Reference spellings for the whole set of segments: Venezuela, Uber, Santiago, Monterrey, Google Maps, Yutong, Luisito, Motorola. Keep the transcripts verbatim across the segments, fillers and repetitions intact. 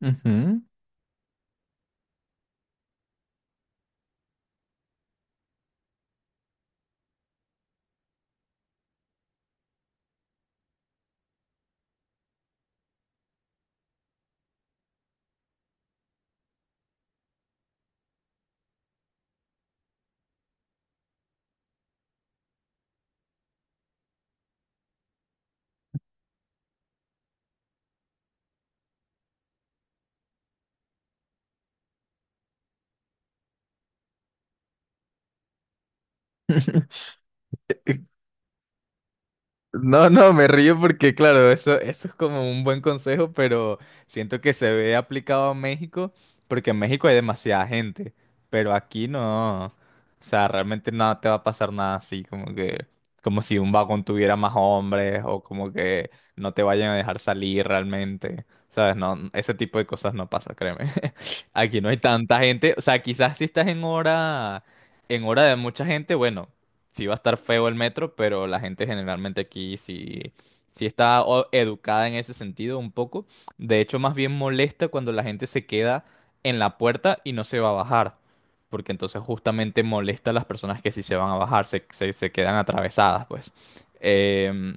Ujú. No, no, me río porque, claro, eso, eso es como un buen consejo, pero siento que se ve aplicado a México, porque en México hay demasiada gente, pero aquí no. O sea, realmente no te va a pasar nada así, como que, como si un vagón tuviera más hombres, o como que no te vayan a dejar salir realmente. ¿Sabes? No, ese tipo de cosas no pasa, créeme. Aquí no hay tanta gente. O sea, quizás si estás en hora, en hora, de mucha gente, bueno. Sí va a estar feo el metro, pero la gente generalmente aquí sí, sí está o- educada en ese sentido un poco. De hecho, más bien molesta cuando la gente se queda en la puerta y no se va a bajar, porque entonces justamente molesta a las personas que sí se van a bajar, se, se, se quedan atravesadas, pues. Em,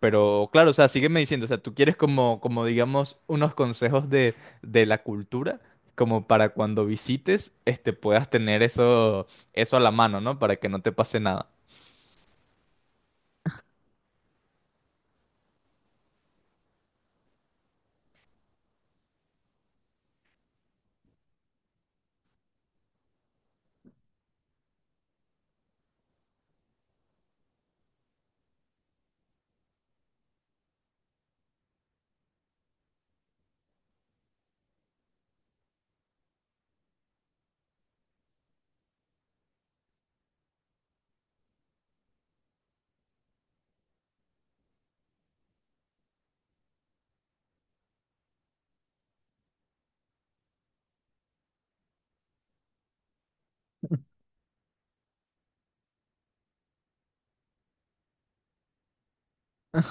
pero claro, o sea, sígueme diciendo, o sea, tú quieres como, como, digamos, unos consejos de, de la cultura, como para cuando visites, este, puedas tener eso, eso a la mano, ¿no? Para que no te pase nada.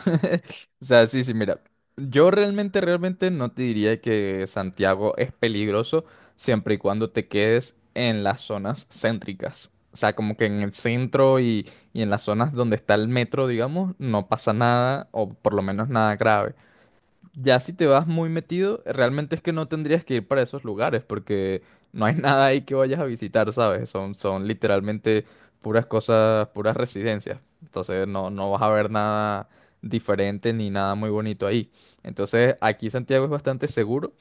O sea, sí, sí, mira, yo realmente, realmente no te diría que Santiago es peligroso siempre y cuando te quedes en las zonas céntricas. O sea, como que en el centro y, y en las zonas donde está el metro, digamos, no pasa nada, o por lo menos nada grave. Ya si te vas muy metido, realmente es que no tendrías que ir para esos lugares porque no hay nada ahí que vayas a visitar, ¿sabes? Son, son literalmente puras cosas, puras residencias. Entonces no, no vas a ver nada diferente ni nada muy bonito ahí. Entonces aquí Santiago es bastante seguro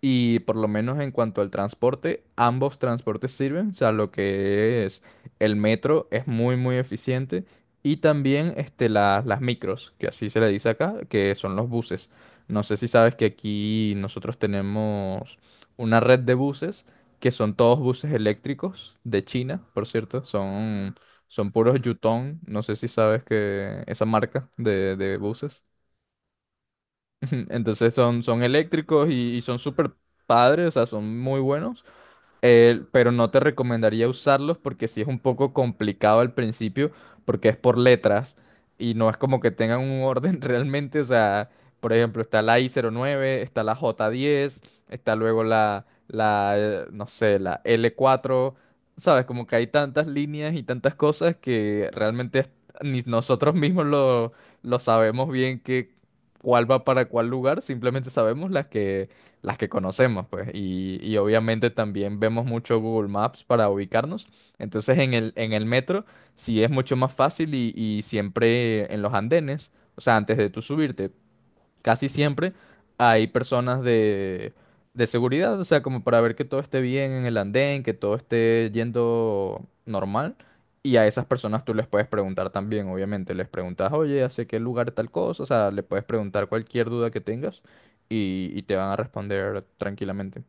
y por lo menos en cuanto al transporte, ambos transportes sirven. O sea, lo que es el metro es muy, muy eficiente. Y también este, la- las micros, que así se le dice acá, que son los buses. No sé si sabes que aquí nosotros tenemos una red de buses, que son todos buses eléctricos de China, por cierto. Son, son puros Yutong. No sé si sabes que esa marca de de buses. Ujú. Entonces son, son eléctricos y, y son súper padres, o sea, son muy buenos. Eh, pero no te recomendaría usarlos porque sí es un poco complicado al principio, porque es por letras y no es como que tengan un orden realmente. O sea, por ejemplo, está la i cero nueve, está la jota diez, está luego la, la, eh, no sé, la ele cuatro. Sabes, como que hay tantas líneas y tantas cosas que realmente es- ni nosotros mismos lo, lo sabemos bien que cuál va para cuál lugar, simplemente sabemos las que las que conocemos, pues, y, y obviamente también vemos mucho Google Maps para ubicarnos. Entonces en el, en el metro sí es mucho más fácil y, y siempre en los andenes, o sea, antes de tú subirte, casi siempre hay personas de, de seguridad, o sea, como para ver que todo esté bien en el andén, que todo esté yendo normal. Y a esas personas tú les puedes preguntar también, obviamente. Les preguntas, oye, ¿hace qué lugar tal cosa? O sea, le puedes preguntar cualquier duda que tengas y, y te van a responder tranquilamente.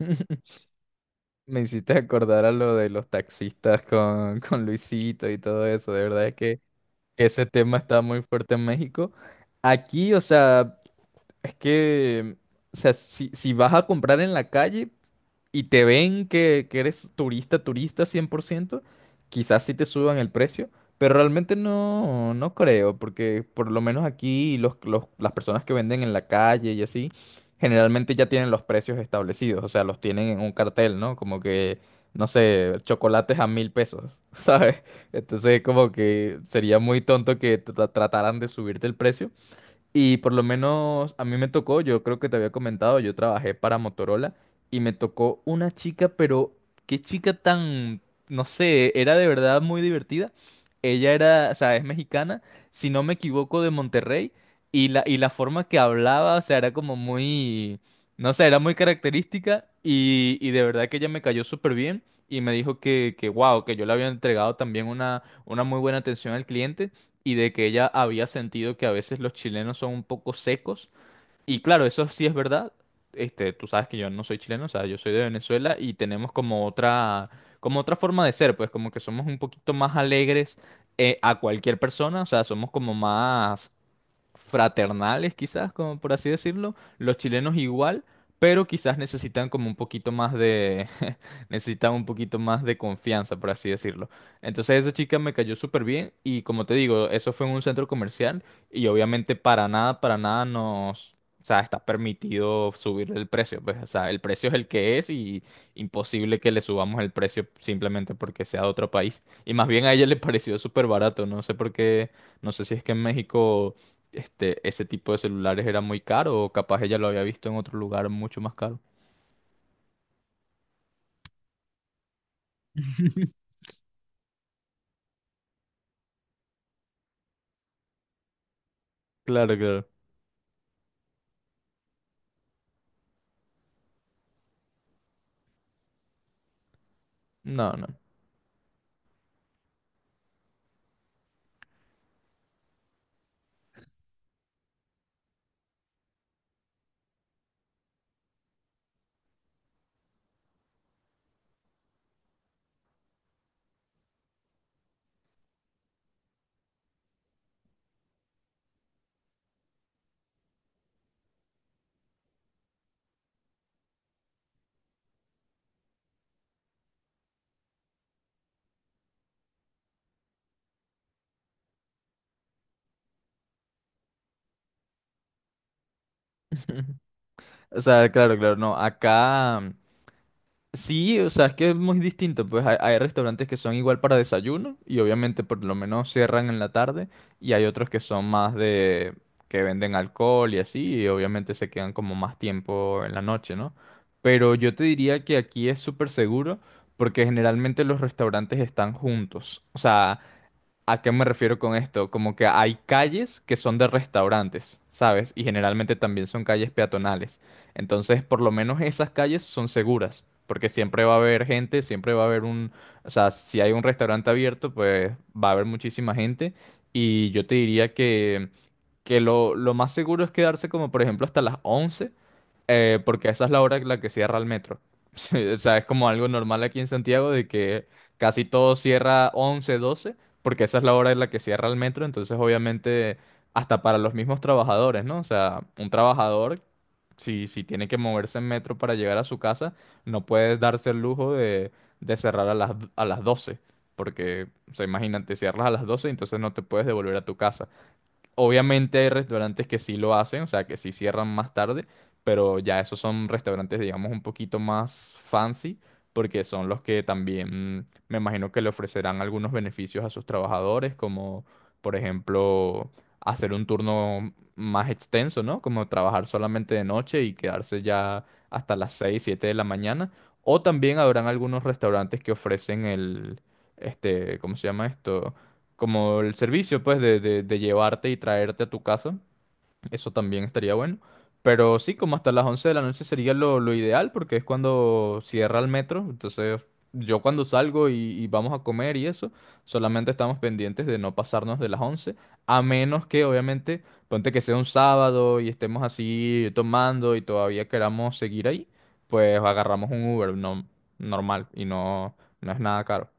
Me hiciste acordar a lo de los taxistas con, con Luisito y todo eso. De verdad es que ese tema está muy fuerte en México. Aquí, o sea, es que, o sea, si, si vas a comprar en la calle y te ven que, que eres turista, turista cien por ciento, quizás sí te suban el precio, pero realmente no, no creo, porque por lo menos aquí los, los- las personas que venden en la calle y así, generalmente ya tienen los precios establecidos, o sea, los tienen en un cartel, ¿no? Como que, no sé, chocolates a mil pesos, ¿sabes? Entonces, como que sería muy tonto que tra- trataran de subirte el precio, y por lo menos a mí me tocó, yo creo que te había comentado, yo trabajé para Motorola y me tocó una chica, pero qué chica tan, no sé, era de verdad muy divertida. Ella era, o sea, es mexicana, si no me equivoco, de Monterrey y la, y la forma que hablaba, o sea, era como muy, no sé, era muy característica y, y de verdad que ella me cayó súper bien y me dijo que, que, wow, que yo le había entregado también una, una muy buena atención al cliente y de que ella había sentido que a veces los chilenos son un poco secos. Y claro, eso sí es verdad. Este, tú sabes que yo no soy chileno, o sea, yo soy de Venezuela y tenemos como otra, como otra forma de ser, pues como que somos un poquito más alegres eh, a cualquier persona, o sea, somos como más fraternales, quizás, como por así decirlo. Los chilenos igual, pero quizás necesitan como un poquito más de, necesitan un poquito más de confianza, por así decirlo. Entonces esa chica me cayó súper bien y como te digo, eso fue en un centro comercial y obviamente para nada, para nada nos... O sea, está permitido subir el precio, pues, o sea, el precio es el que es y imposible que le subamos el precio simplemente porque sea de otro país. Y más bien a ella le pareció súper barato, no sé por qué, no sé si es que en México este, ese tipo de celulares era muy caro, o capaz ella lo había visto en otro lugar mucho más caro. Claro, claro. No, no. O sea, claro, claro, no. Acá mm, sí, o sea, es que es muy distinto. Pues hay, hay restaurantes que son igual para desayuno y obviamente por lo menos cierran en la tarde, y hay otros que son más de que venden alcohol y así, y obviamente se quedan como más tiempo en la noche, ¿no? Pero yo te diría que aquí es súper seguro porque generalmente los restaurantes están juntos. O sea, ¿a qué me refiero con esto? Como que hay calles que son de restaurantes, ¿sabes? Y generalmente también son calles peatonales. Entonces, por lo menos esas calles son seguras, porque siempre va a haber gente, siempre va a haber un... O sea, si hay un restaurante abierto, pues va a haber muchísima gente. Y yo te diría que, que lo, lo, más seguro es quedarse como, por ejemplo, hasta las once. Eh, porque esa es la hora en la que cierra el metro. Sí, o sea, es como algo normal aquí en Santiago de que casi todo cierra once doce porque esa es la hora en la que cierra el metro. Entonces, obviamente, hasta para los mismos trabajadores, ¿no? O sea, un trabajador, si, si tiene que moverse en metro para llegar a su casa, no puede darse el lujo de, de, cerrar a las, a las doce. Porque, o sea, imagínate, cierras a las doce entonces no te puedes devolver a tu casa. Obviamente hay restaurantes que sí lo hacen, o sea, que sí cierran más tarde, pero ya esos son restaurantes, digamos, un poquito más fancy, porque son los que también mm, me imagino que le ofrecerán algunos beneficios a sus trabajadores, como por ejemplo hacer un turno más extenso, ¿no? Como trabajar solamente de noche y quedarse ya hasta las seis siete de la mañana. O también habrán algunos restaurantes que ofrecen el, este, ¿cómo se llama esto? Como el servicio, pues, de, de, de, llevarte y traerte a tu casa. Eso también estaría bueno. Pero sí, como hasta las once de la noche sería lo, lo ideal, porque es cuando cierra el metro. Entonces, yo cuando salgo y, y vamos a comer y eso, solamente estamos pendientes de no pasarnos de las once, a menos que, obviamente, ponte que sea un sábado y estemos así tomando y todavía queramos seguir ahí, pues agarramos un Uber no, normal y no, no es nada caro.